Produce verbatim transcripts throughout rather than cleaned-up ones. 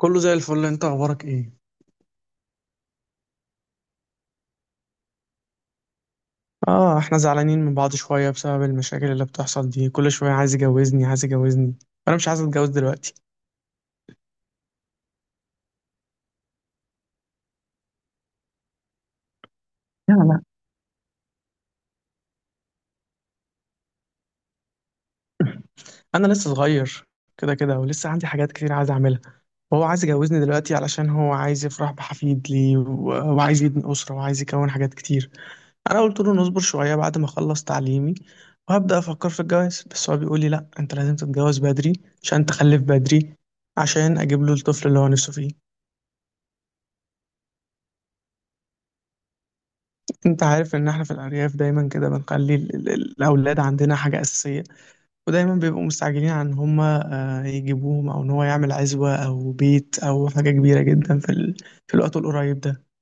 كله زي الفل، انت اخبارك ايه؟ اه، احنا زعلانين من بعض شوية بسبب المشاكل اللي بتحصل دي. كل شوية عايز يجوزني، عايز يجوزني. انا مش عايز اتجوز دلوقتي. لا، لا. انا لسه صغير. كده كده ولسه عندي حاجات كتير عايز اعملها. وهو عايز يجوزني دلوقتي علشان هو عايز يفرح بحفيد لي و- وعايز يبني أسرة وعايز يكون حاجات كتير. انا قلت له نصبر شوية بعد ما اخلص تعليمي وهبدأ افكر في الجواز. بس هو بيقول لي: لا، انت لازم تتجوز بدري عشان تخلف بدري، عشان اجيب له الطفل اللي هو نفسه فيه. انت عارف ان احنا في الارياف دايما كده بنخلي ال- ال- ال- الاولاد عندنا حاجه اساسيه. ودايما بيبقوا مستعجلين عن ان هم يجيبوهم، او ان هو يعمل عزوه او بيت او حاجه كبيره جدا في ال... في الوقت القريب ده.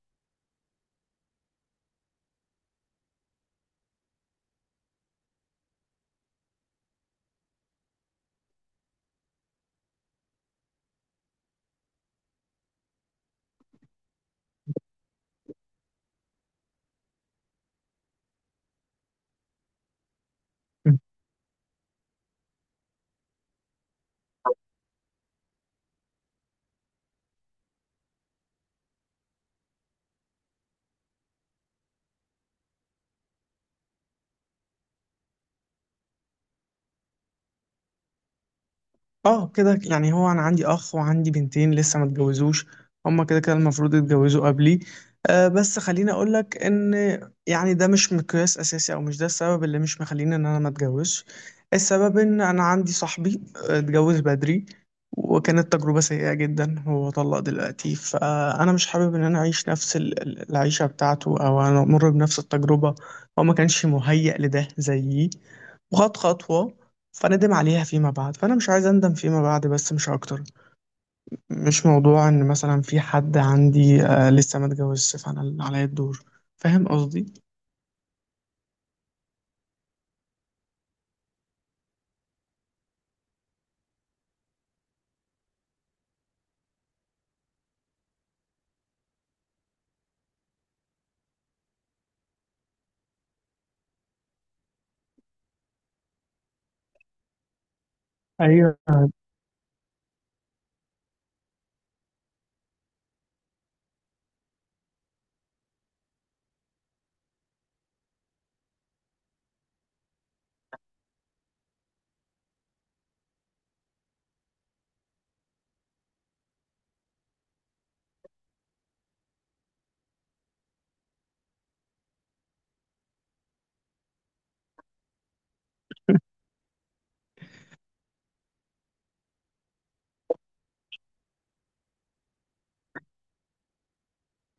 اه، كده. يعني هو انا عندي اخ وعندي بنتين لسه ما اتجوزوش. هما كده كده المفروض يتجوزوا قبلي. آه، بس خليني اقول لك ان يعني ده مش مقياس اساسي او مش ده السبب اللي مش مخليني ان انا ما اتجوزش. السبب ان انا عندي صاحبي آه، اتجوز بدري وكانت تجربة سيئة جدا. هو طلق دلوقتي، فانا مش حابب ان انا اعيش نفس ال- ال- العيشة بتاعته او انا امر بنفس التجربة. هو ما كانش مهيأ لده زيي، وخد خطوة فندم عليها فيما بعد، فانا مش عايز اندم فيما بعد، بس مش اكتر. مش موضوع ان مثلا في حد عندي آه لسه ما اتجوزش فانا اللي عليا الدور. فاهم قصدي؟ ايوه.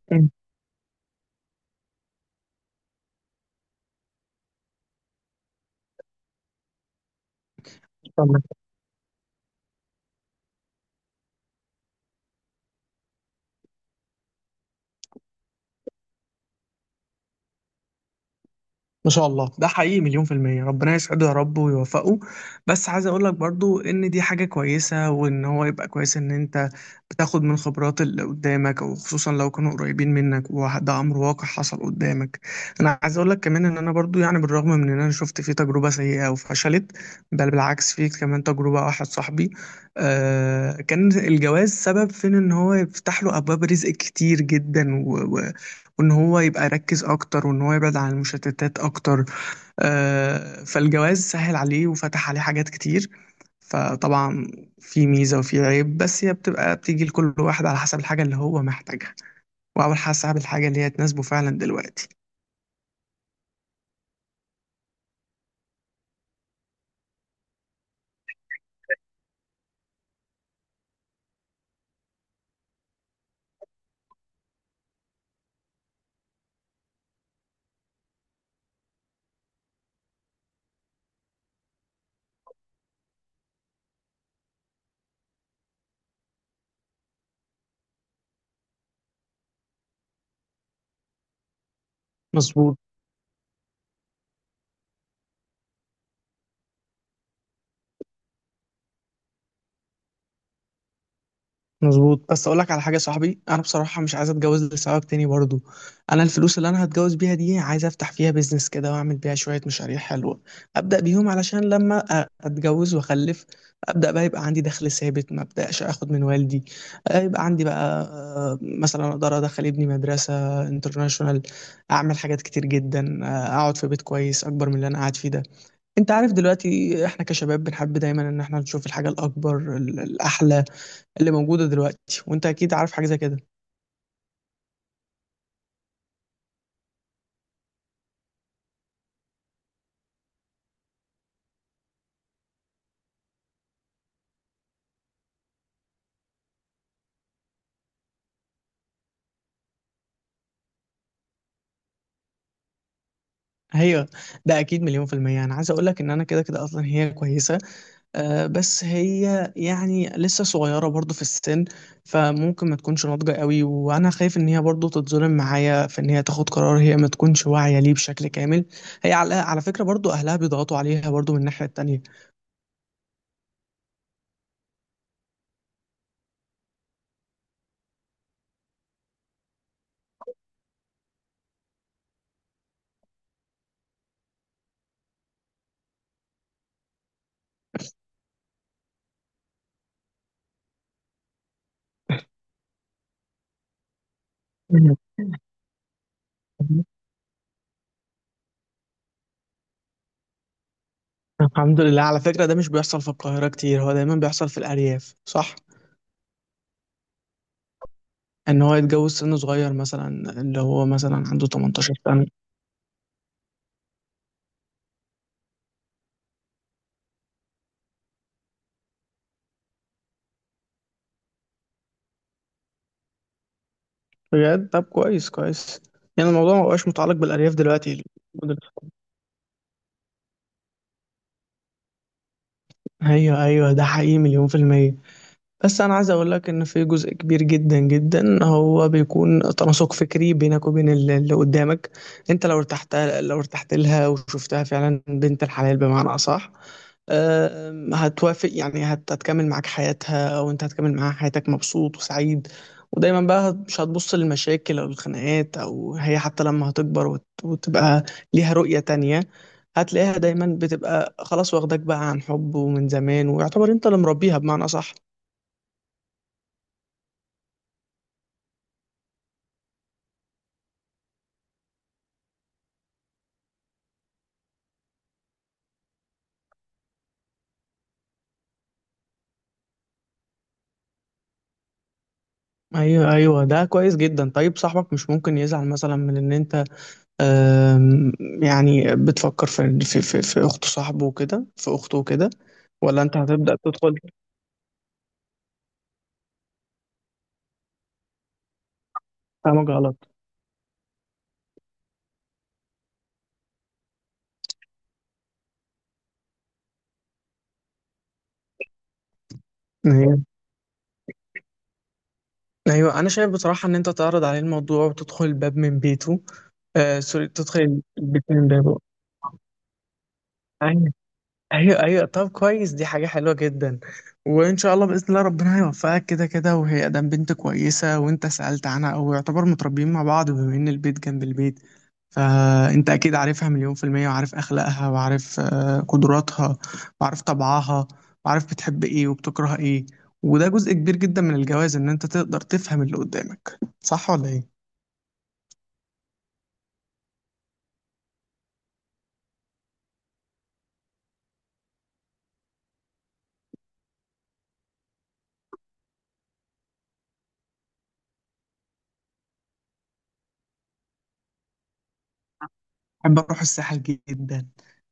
طب، ما شاء الله، ده حقيقي مليون في المية. ربنا يسعده يا رب ويوفقه. بس عايز اقولك برضو ان دي حاجة كويسة، وان هو يبقى كويس ان انت بتاخد من خبرات اللي قدامك، او خصوصا لو كانوا قريبين منك، وده امر واقع حصل قدامك. انا عايز اقولك كمان ان انا برضو يعني بالرغم من ان انا شفت فيه تجربة سيئة وفشلت، بل بالعكس، فيه كمان تجربة واحد صاحبي آه كان الجواز سبب في ان هو يفتح له ابواب رزق كتير جدا، وان هو يبقى يركز اكتر، وان هو يبعد عن المشتتات اكتر. آه، فالجواز سهل عليه وفتح عليه حاجات كتير. فطبعا، في ميزة وفي عيب، بس هي بتبقى بتيجي لكل واحد على حسب الحاجة اللي هو محتاجها، وعلى حسب الحاجة اللي هي تناسبه فعلا دلوقتي. مظبوط، مظبوط. بس اقول لك على حاجه يا صاحبي، انا بصراحه مش عايز اتجوز لسبب تاني برضو. انا الفلوس اللي انا هتجوز بيها دي عايز افتح فيها بيزنس كده واعمل بيها شويه مشاريع حلوه، ابدا بيهم علشان لما أ- اتجوز واخلف، ابدا بقى يبقى عندي دخل ثابت، ما ابداش اخد من والدي. آه، يبقى عندي بقى آه، مثلا اقدر ادخل ابني مدرسه انترناشونال، اعمل حاجات كتير جدا، آه، اقعد في بيت كويس اكبر من اللي انا قاعد فيه ده. انت عارف دلوقتي احنا كشباب بنحب دايما ان احنا نشوف الحاجه الاكبر، ال- الاحلى، اللي موجوده دلوقتي. وانت اكيد عارف حاجه زي كده. هي ده اكيد مليون في الميه. انا عايز اقول لك ان انا كده كده اصلا هي كويسه. آه بس هي يعني لسه صغيره برضو في السن، فممكن ما تكونش ناضجه قوي. وانا خايف ان هي برضو تتظلم معايا في ان هي تاخد قرار هي ما تكونش واعيه ليه بشكل كامل. هي على على فكره برضو اهلها بيضغطوا عليها برضو من الناحيه التانيه. الحمد لله. على فكرة، ده مش بيحصل في القاهرة كتير، هو دايما بيحصل في الأرياف، صح؟ ان هو يتجوز سن صغير مثلا، اللي هو مثلا عنده تمنتاشر سنة. بجد؟ طب كويس كويس. يعني الموضوع ما بقاش متعلق بالأرياف دلوقتي. ايوه، ايوه، ده حقيقي مليون في المية. بس انا عايز اقول لك ان في جزء كبير جدا جدا هو بيكون تناسق فكري بينك وبين ال- اللي قدامك. انت لو ارتحت، لو ارتحت لها وشفتها فعلا بنت الحلال بمعنى اصح، آم، هتوافق. يعني هت- هتكمل معاك حياتها وانت هتكمل معاها حياتك، مبسوط وسعيد. ودايما بقى هت- مش هتبص للمشاكل او الخناقات، او هي حتى لما هتكبر وت- وتبقى ليها رؤية تانية، هتلاقيها دايما بتبقى خلاص واخداك بقى عن حب ومن زمان، ويعتبر انت اللي مربيها بمعنى صح. ايوه، ايوه، ده كويس جدا. طيب، صاحبك مش ممكن يزعل مثلا من ان انت آم، يعني بتفكر في في في, في اخت صاحبه وكده، في اخته وكده، ولا انت هتبدأ تدخل فاهمك غلط؟ أيوه. أيوه، أنا شايف بصراحة إن أنت تعرض عليه الموضوع وتدخل الباب من بيته. آآ سوري، تدخل البيت من بابه. أيوه، أيوه، أيوه، طب كويس، دي حاجة حلوة جدًا. وإن شاء الله بإذن الله ربنا هيوفقك كده، كده. وهي أدام بنت كويسة وأنت سألت عنها، أو يعتبر متربيين مع بعض بما إن البيت جنب البيت. فأنت أكيد عارفها مليون في المية، وعارف أخلاقها، وعارف آه، قدراتها، وعارف طبعها، وعارف بتحب إيه وبتكره إيه. وده جزء كبير جدا من الجواز إن أنت تقدر تفهم اللي قدامك، صح ولا إيه؟ بحب أروح الساحل جدا.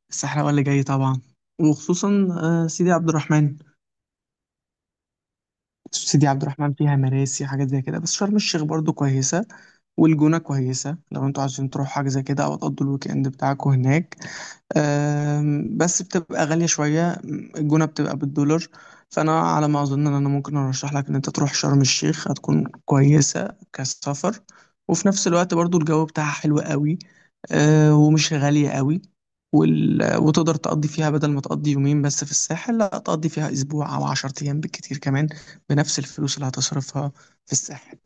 الساحل هو اللي جاي طبعا، وخصوصا آه، سيدي عبد الرحمن. سيدي عبد الرحمن فيها مراسي حاجات زي كده، بس شرم الشيخ برضو كويسة، والجونة كويسة لو انتوا عايزين تروحوا حاجة زي كده أو تقضوا الويك إند بتاعكم هناك. آم، بس بتبقى غالية شوية، الجونة بتبقى بالدولار. فأنا على ما أظن إن أنا ممكن أرشح لك إن أنت تروح شرم الشيخ. هتكون كويسة كسفر، وفي نفس الوقت برضو الجو بتاعها حلو قوي، آه، ومش غالية قوي. وال... وتقدر تقضي فيها بدل ما تقضي يومين بس في الساحل، لا تقضي فيها أسبوع أو عشر أيام بالكتير كمان، بنفس الفلوس اللي هتصرفها في الساحل.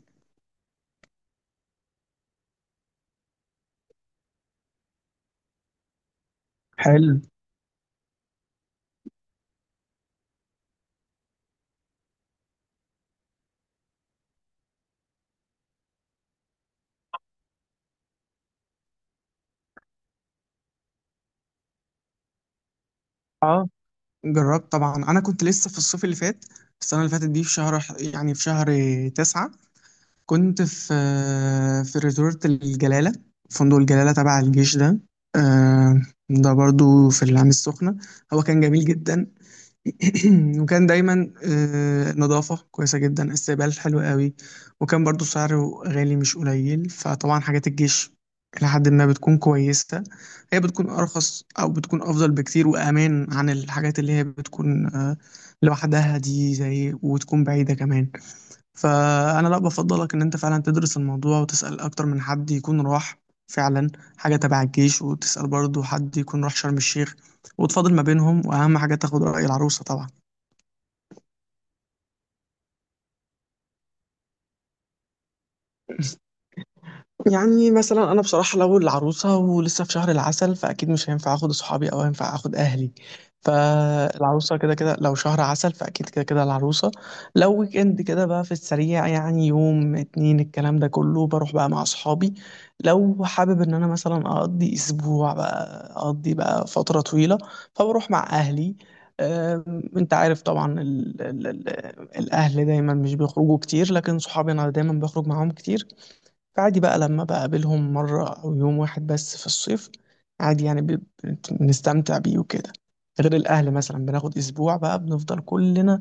حلو. اه، جربت طبعا. انا كنت لسه في الصيف اللي فات، السنه اللي فاتت دي، في شهر يعني في شهر تسعة. كنت في في ريزورت الجلاله، فندق الجلاله تبع الجيش ده، آه، ده برضو في العين السخنه. هو كان جميل جدا. وكان دايما آه، نظافة كويسة جدا، استقبال حلو قوي، وكان برضو سعره غالي مش قليل. فطبعا حاجات الجيش إلى حد ما بتكون كويسة، هي بتكون أرخص أو بتكون أفضل بكتير وأمان عن الحاجات اللي هي بتكون آه، لوحدها دي، زي وتكون بعيدة كمان. فأنا لا، بفضلك إن أنت فعلا تدرس الموضوع وتسأل أكتر من حد يكون راح فعلا حاجة تبع الجيش، وتسأل برضو حد يكون راح شرم الشيخ، وتفاضل ما بينهم. وأهم حاجة تاخد رأي العروسة طبعا. يعني مثلا انا بصراحه لو العروسه ولسه في شهر العسل، فاكيد مش هينفع اخد صحابي او هينفع اخد اهلي. فالعروسه كده كده، لو شهر عسل فاكيد كده كده العروسه. لو ويك اند كده بقى في السريع، يعني يوم اتنين، الكلام ده كله بروح بقى مع صحابي. لو حابب ان انا مثلا اقضي اسبوع بقى، اقضي بقى فتره طويله، فبروح مع اهلي. أم، انت عارف طبعا ال ال ال الاهل دايما مش بيخرجوا كتير، لكن صحابي انا دايما بخرج معاهم كتير. فعادي بقى لما بقابلهم مرة أو يوم واحد بس في الصيف، عادي. يعني ب- بنت- بنستمتع بيه وكده. غير الأهل مثلا بناخد أسبوع بقى بنفضل كلنا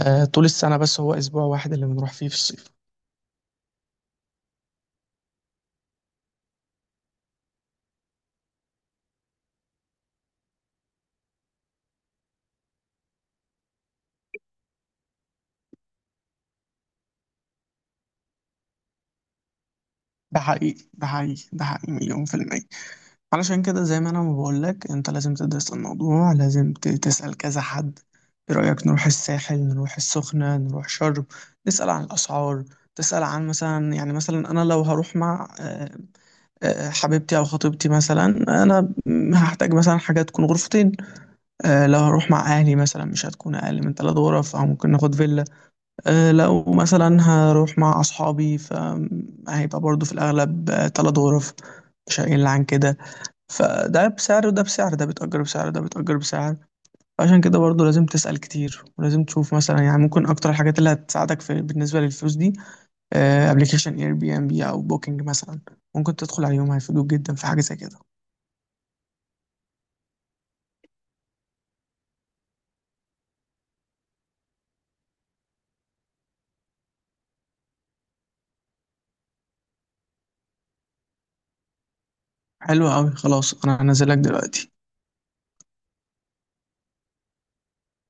آه طول السنة. بس هو أسبوع واحد اللي بنروح فيه في الصيف. ده حقيقي، ده حقيقي، ده حقيقي، مليون في المية. علشان كده زي ما أنا ما بقولك، أنت لازم تدرس الموضوع، لازم ت- تسأل كذا حد. إيه رأيك نروح الساحل، نروح السخنة، نروح شرم، نسأل عن الأسعار؟ تسأل عن مثلا، يعني مثلا أنا لو هروح مع آه، آه، حبيبتي او خطيبتي مثلا، انا م- هحتاج مثلا حاجه تكون غرفتين. آه، لو هروح مع اهلي مثلا، مش هتكون اقل من ثلاث غرف، او ممكن ناخد فيلا. آه، لو مثلا هروح مع اصحابي، فهيبقى برضو في الاغلب آه، ثلاث غرف، مش هيقل عن كده. فده بسعر، وده بسعر، ده بيتأجر بسعر، ده بيتأجر بسعر. عشان كده برضو لازم تسأل كتير، ولازم تشوف مثلا، يعني ممكن اكتر الحاجات اللي هتساعدك في بالنسبة للفلوس دي: ابلكيشن اير بي ام بي او بوكينج مثلا. ممكن تدخل عليهم، هيفيدوك جدا في حاجة زي كده. حلو قوي. خلاص، انا هنزلك دلوقتي.